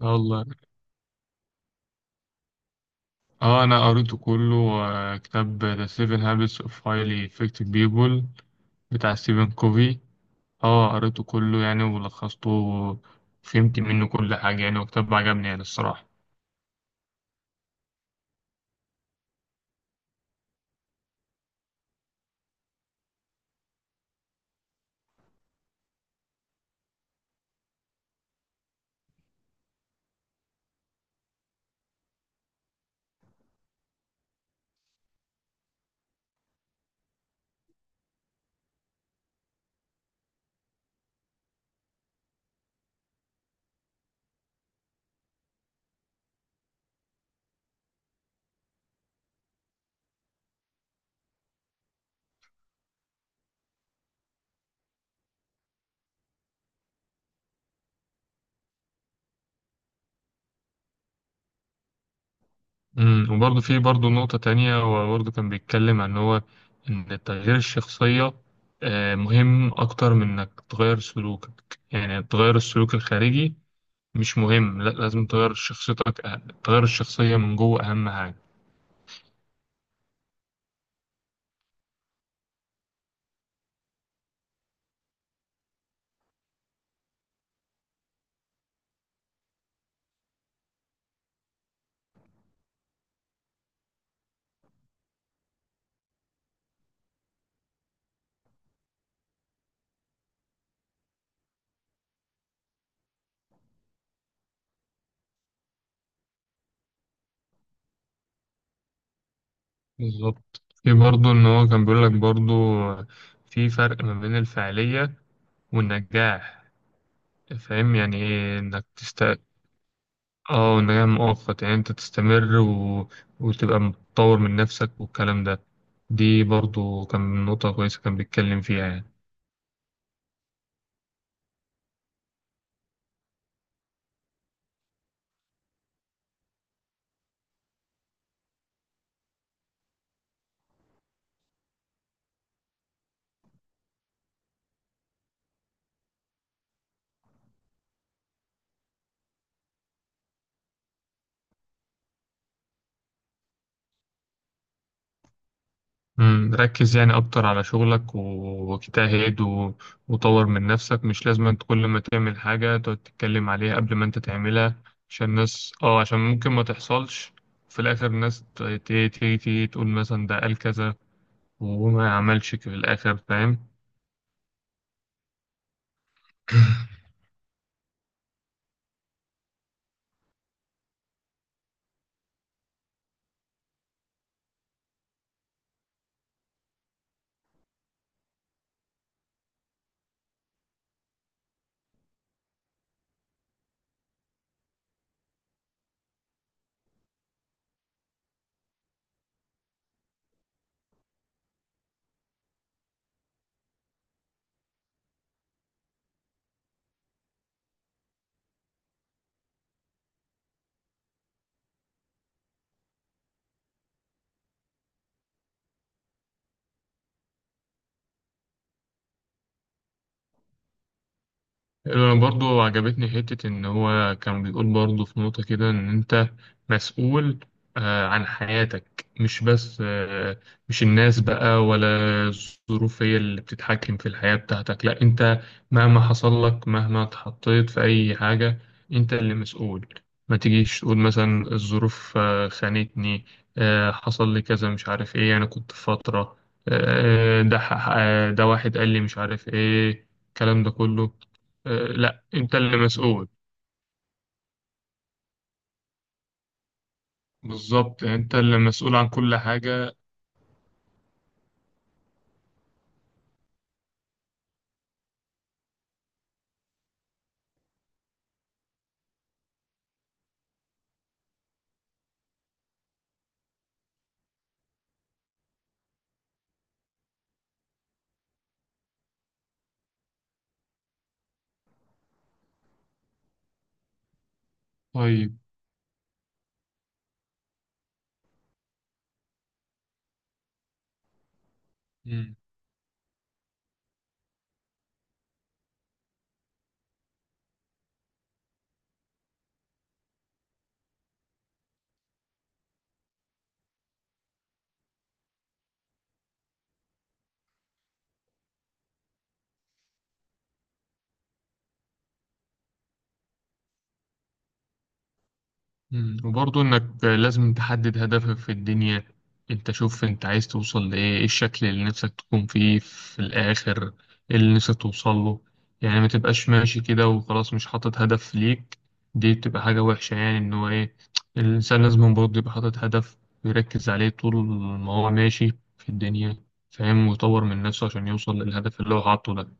اه والله. اه انا قريته كله، كتاب The Seven Habits of Highly Effective People بتاع ستيفن كوفي. اه قريته كله يعني ولخصته وفهمت منه كل حاجة يعني، وكتاب عجبني يعني الصراحة. وبرضه في برضه نقطة تانية، هو برضه كان بيتكلم عن ان تغيير الشخصية مهم اكتر من انك تغير سلوكك، يعني تغير السلوك الخارجي مش مهم، لا لازم تغير شخصيتك أهم. تغير الشخصية من جوه اهم حاجة. بالظبط، في برضه إن هو كان بيقول لك برضه في فرق ما بين الفعالية والنجاح. فاهم يعني إيه إنك آه النجاح مؤقت، يعني أنت تستمر وتبقى متطور من نفسك والكلام ده. دي برضه كان نقطة كويسة كان بيتكلم فيها يعني. ركز يعني أكتر على شغلك واجتهد وطور من نفسك. مش لازم أنت كل ما تعمل حاجة تقعد تتكلم عليها قبل ما أنت تعملها، عشان الناس اه، عشان ممكن ما تحصلش، في الآخر الناس تيجي تقول مثلا ده قال كذا وما عملش في الآخر، فاهم؟ أنا برضو عجبتني حتة إن هو كان بيقول برضو في نقطة كده إن أنت مسؤول عن حياتك، مش بس مش الناس بقى ولا الظروف هي اللي بتتحكم في الحياة بتاعتك، لا أنت، مهما حصل لك، مهما اتحطيت في أي حاجة، أنت اللي مسؤول. ما تجيش تقول مثلا الظروف خانتني، حصل لي كذا مش عارف إيه، أنا كنت في فترة، آه، آه، ده ح- آه، ده واحد قال لي مش عارف إيه الكلام ده كله. لا انت اللي مسؤول. بالظبط انت اللي مسؤول عن كل حاجة. طيب. مم. مم. وبرضه انك لازم تحدد هدفك في الدنيا. انت شوف انت عايز توصل لايه، ايه الشكل اللي نفسك تكون فيه في الاخر، ايه اللي نفسك توصل له. يعني ما تبقاش ماشي كده وخلاص مش حاطط هدف ليك، دي بتبقى حاجة وحشة. يعني ان هو ايه، الانسان لازم برضه يبقى حاطط هدف ويركز عليه طول ما هو ماشي في الدنيا، فاهم؟ ويطور من نفسه عشان يوصل للهدف اللي هو حاطه ده.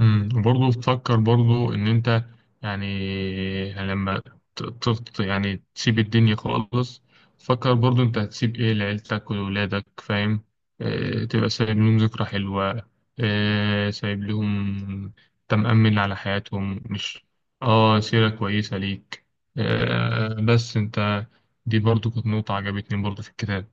وبرضه تفكر برضه ان انت، يعني لما ت- يعني تسيب الدنيا خالص، فكر برضه انت هتسيب ايه لعيلتك ولولادك، فاهم؟ اه تبقى سايب لهم ذكرى حلوة، اه سايب لهم، انت مأمن على حياتهم. مش اه سيرة كويسة ليك؟ اه بس انت، دي برضه كانت نقطة عجبتني برضه في الكتاب.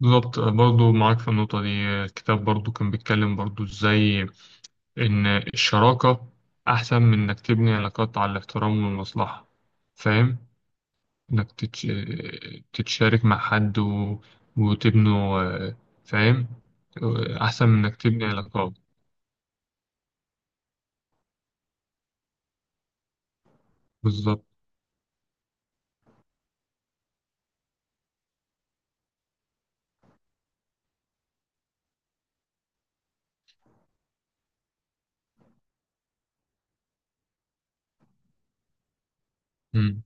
بالظبط برضه معاك في النقطة دي. الكتاب برضه كان بيتكلم برضه ازاي إن الشراكة أحسن من إنك تبني علاقات على الاحترام والمصلحة، فاهم؟ إنك تتشارك مع حد وتبنوا آه، فاهم؟ أحسن من إنك تبني علاقات. بالظبط. مم.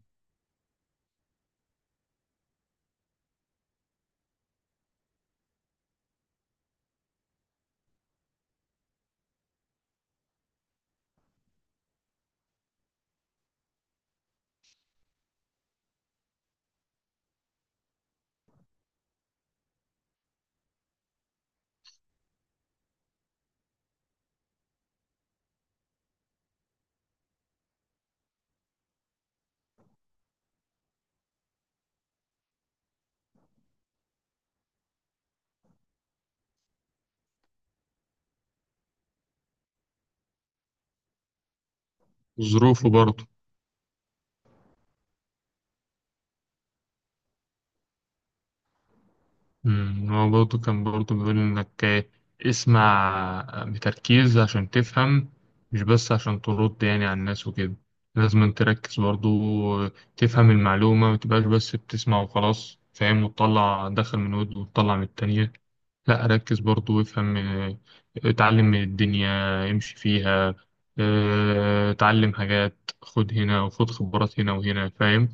ظروفه برضه. هو برضه كان برضه بيقول إنك اسمع بتركيز عشان تفهم، مش بس عشان ترد يعني على الناس وكده. لازم أن تركز برضه، تفهم المعلومة، متبقاش بس بتسمع وخلاص، فاهم؟ وتطلع دخل من ود وتطلع من التانية، لأ ركز برضه وافهم. اتعلم من الدنيا، امشي فيها، اتعلم حاجات، خد هنا وخد خبرات هنا وهنا، فاهم؟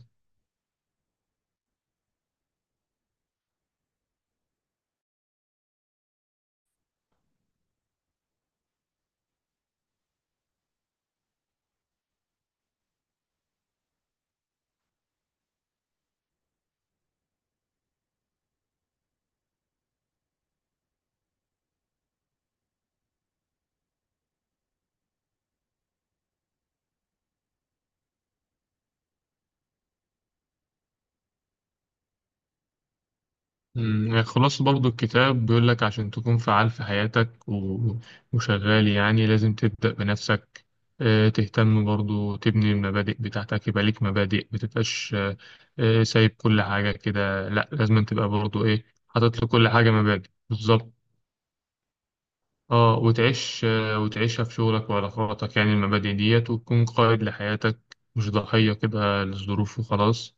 خلاصة برضو الكتاب بيقول لك عشان تكون فعال في حياتك وشغال، يعني لازم تبدأ بنفسك، تهتم برضو تبني المبادئ بتاعتك، يبقى ليك مبادئ، متبقاش سايب كل حاجة كده، لأ لازم تبقى برضو إيه حاطط لكل حاجة مبادئ بالظبط. اه وتعيش، وتعيشها في شغلك وعلاقاتك، يعني المبادئ ديت، وتكون قائد لحياتك مش ضحية كده للظروف وخلاص.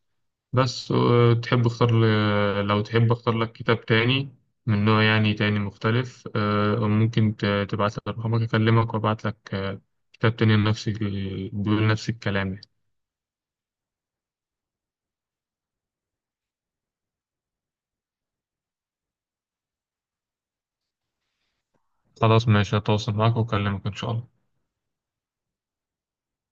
بس لو تحب اختار لك كتاب تاني من نوع يعني تاني مختلف، ممكن تبعت لي رقمك اكلمك وابعت لك كتاب تاني نفس بيقول نفس الكلام. خلاص ماشي هتواصل معاك واكلمك ان شاء الله.